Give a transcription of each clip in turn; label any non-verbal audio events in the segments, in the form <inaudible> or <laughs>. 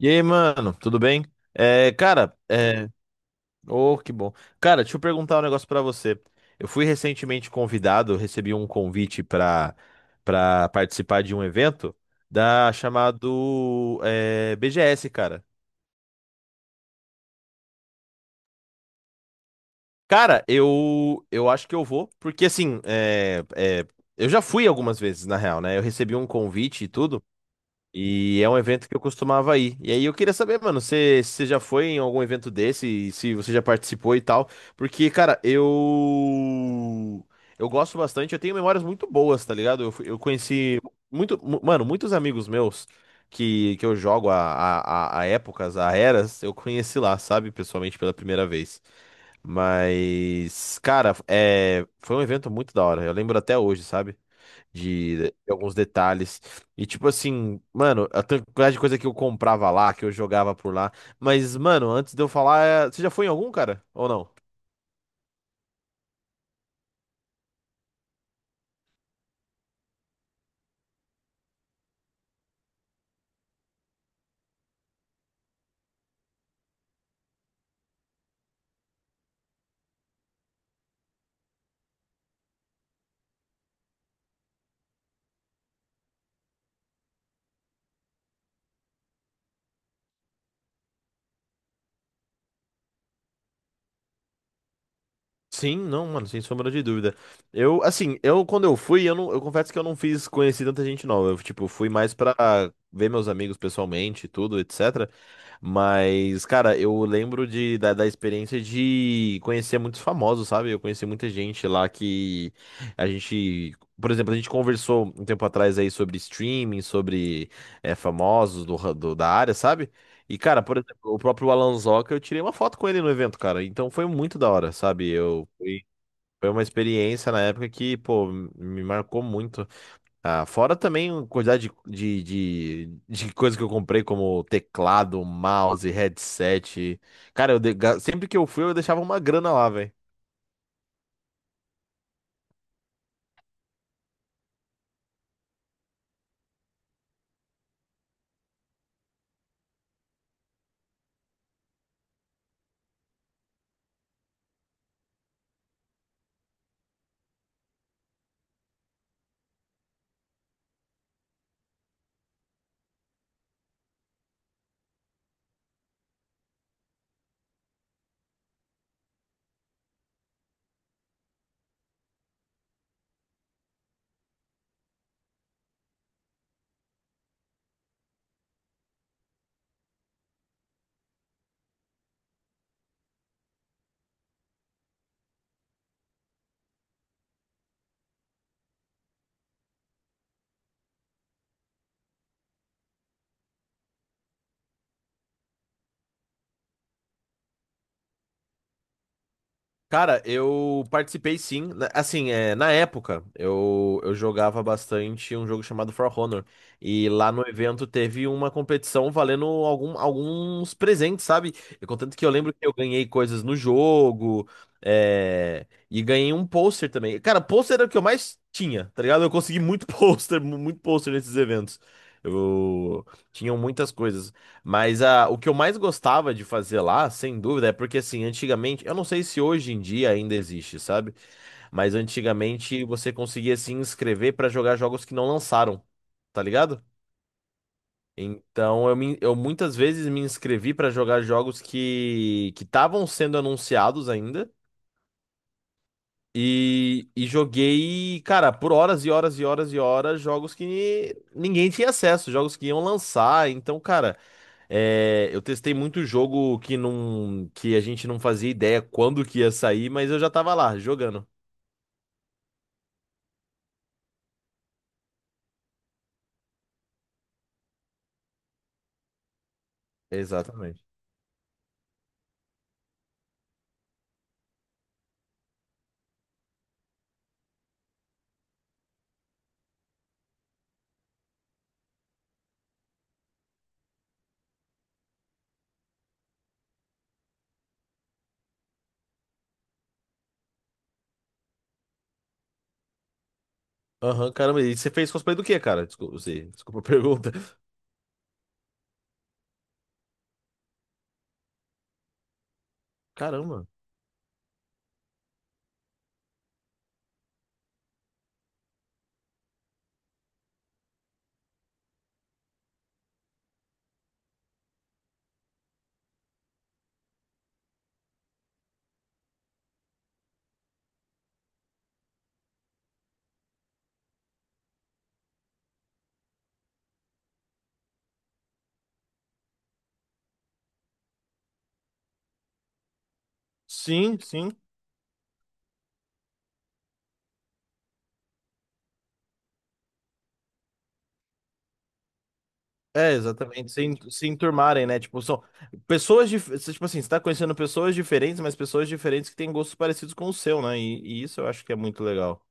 E aí, mano, tudo bem? É, cara, é... Oh, que bom. Cara, deixa eu perguntar um negócio pra você. Eu fui recentemente convidado, eu recebi um convite pra para participar de um evento da chamado BGS, cara. Cara, eu acho que eu vou, porque assim, eu já fui algumas vezes, na real, né? Eu recebi um convite e tudo. E é um evento que eu costumava ir. E aí eu queria saber, mano, se você já foi em algum evento desse, e se você já participou e tal. Porque, cara, eu. Eu gosto bastante, eu tenho memórias muito boas, tá ligado? Eu conheci muito, mano, muitos amigos meus que eu jogo a épocas, a eras, eu conheci lá, sabe? Pessoalmente pela primeira vez. Mas, cara, foi um evento muito da hora. Eu lembro até hoje, sabe? De alguns detalhes. E tipo assim, mano, quantidade de coisa que eu comprava lá, que eu jogava por lá. Mas, mano, antes de eu falar, você já foi em algum, cara? Ou não? Sim, não, mano, sem sombra de dúvida. Eu, assim, eu Quando eu fui, eu confesso que eu não fiz conhecer tanta gente nova. Eu, tipo, fui mais pra ver meus amigos pessoalmente, e tudo, etc. Mas, cara, eu lembro da experiência de conhecer muitos famosos, sabe? Eu conheci muita gente lá que a gente, por exemplo, a gente conversou um tempo atrás aí sobre streaming, sobre famosos da área, sabe? E, cara, por exemplo, o próprio Alan Zoca, eu tirei uma foto com ele no evento, cara. Então foi muito da hora, sabe? Eu, foi Foi uma experiência na época que, pô, me marcou muito. Ah, fora também a quantidade de coisa que eu comprei, como teclado, mouse, headset. Cara, sempre que eu fui, eu deixava uma grana lá, velho. Cara, eu participei sim. Assim, na época, eu jogava bastante um jogo chamado For Honor. E lá no evento teve uma competição valendo alguns presentes, sabe? E contanto que eu lembro que eu ganhei coisas no jogo, e ganhei um pôster também. Cara, pôster era o que eu mais tinha, tá ligado? Eu consegui muito <laughs> pôster, muito pôster nesses eventos. Eu tinham muitas coisas. Mas ah, o que eu mais gostava de fazer lá, sem dúvida, é porque assim, antigamente, eu não sei se hoje em dia ainda existe, sabe? Mas antigamente você conseguia se inscrever pra jogar jogos que não lançaram, tá ligado? Eu muitas vezes me inscrevi pra jogar jogos que estavam sendo anunciados ainda e joguei, cara, por horas e horas e horas e horas jogos que ninguém tinha acesso, jogos que iam lançar. Então, cara, É, eu testei muito jogo que a gente não fazia ideia quando que ia sair, mas eu já tava lá jogando. Exatamente. Aham, caramba. E você fez cosplay do quê, cara? Desculpa, desculpa a <laughs> pergunta. Caramba. Sim, sim. É, exatamente. Se enturmarem, né? Tipo, são pessoas diferentes. Tipo assim, você tá conhecendo pessoas diferentes, mas pessoas diferentes que têm gostos parecidos com o seu, né? E isso eu acho que é muito legal.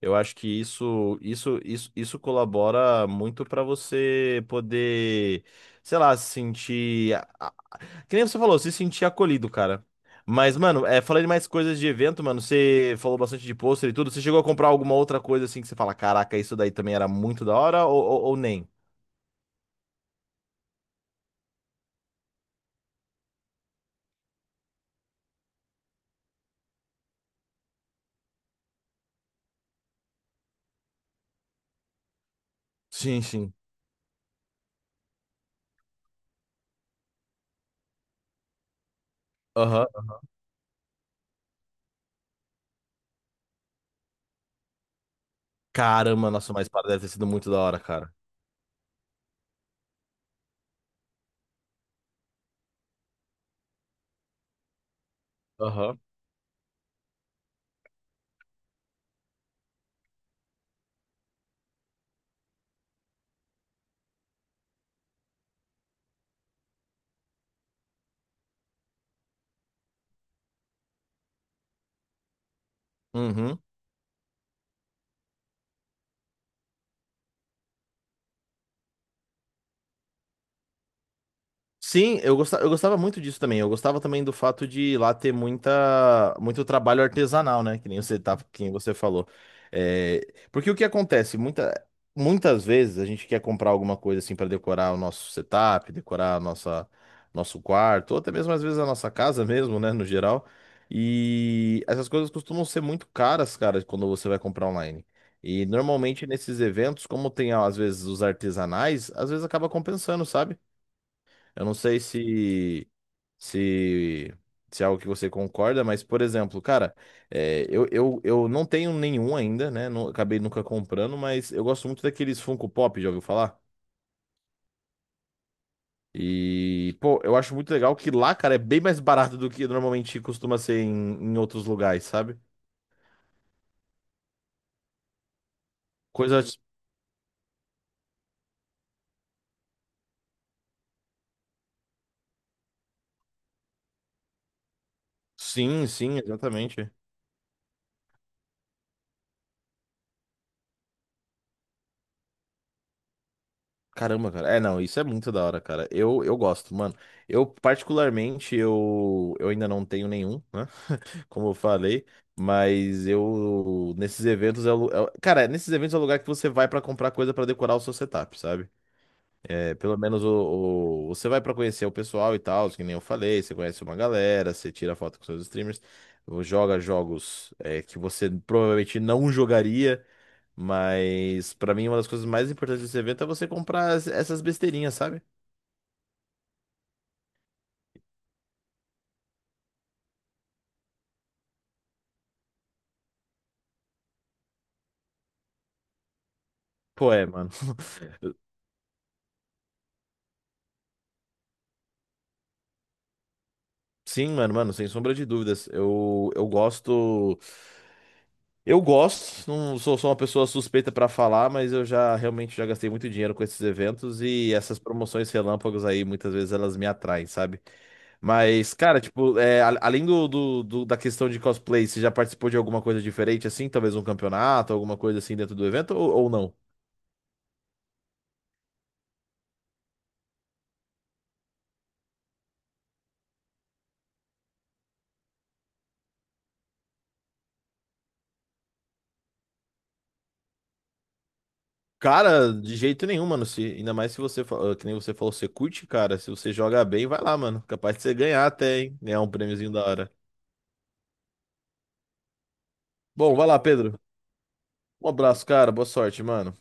Eu acho que isso colabora muito para você poder, sei lá, se sentir. A- que nem você falou, se sentir acolhido, cara. Mas, mano, falando de mais coisas de evento, mano, você falou bastante de pôster e tudo. Você chegou a comprar alguma outra coisa assim que você fala, caraca, isso daí também era muito da hora ou nem? Sim, sim. Aham. Caramba, nossa, mas para deve ter sido muito da hora, cara. Aham. Uhum. Sim, eu gostava muito disso também. Eu gostava também do fato de lá ter muito trabalho artesanal, né? Que nem você falou. É, porque o que acontece? Muitas vezes a gente quer comprar alguma coisa assim para decorar o nosso setup, nosso quarto, ou até mesmo às vezes a nossa casa mesmo, né? No geral. E essas coisas costumam ser muito caras, cara, quando você vai comprar online. E normalmente nesses eventos, como tem às vezes os artesanais, às vezes acaba compensando, sabe? Eu não sei se, se é algo que você concorda, mas, por exemplo, cara, eu não tenho nenhum ainda, né? Não, acabei nunca comprando, mas eu gosto muito daqueles Funko Pop, já ouviu falar? E, pô, eu acho muito legal que lá, cara, é bem mais barato do que normalmente costuma ser em outros lugares, sabe? Coisa. Sim, sim, exatamente. Caramba, cara. É, não, isso é muito da hora, cara. Eu gosto, mano. Eu, particularmente, eu ainda não tenho nenhum, né? Como eu falei, mas eu nesses eventos é, o lu- é o- cara, nesses eventos é o lugar que você vai pra comprar coisa pra decorar o seu setup, sabe? É, pelo menos o- Você vai pra conhecer o pessoal e tal, que nem eu falei, você conhece uma galera, você tira foto com seus streamers, joga jogos que você provavelmente não jogaria, mas pra mim uma das coisas mais importantes desse evento é você comprar essas besteirinhas, sabe? Pô, é, mano. <laughs> Sim, mano, sem sombra de dúvidas. Eu gosto, não sou, sou uma pessoa suspeita pra falar, mas eu já realmente já gastei muito dinheiro com esses eventos e essas promoções relâmpagos aí, muitas vezes elas me atraem, sabe? Mas, cara, tipo, além da questão de cosplay, você já participou de alguma coisa diferente assim? Talvez um campeonato, alguma coisa assim dentro do evento ou não? Cara, de jeito nenhum, mano. Se, ainda mais se você, ah, que nem você falou, você curte, cara. Se você joga bem, vai lá, mano. Capaz de você ganhar até, hein? Ganhar um prêmiozinho da hora. Bom, vai lá, Pedro. Um abraço, cara. Boa sorte, mano.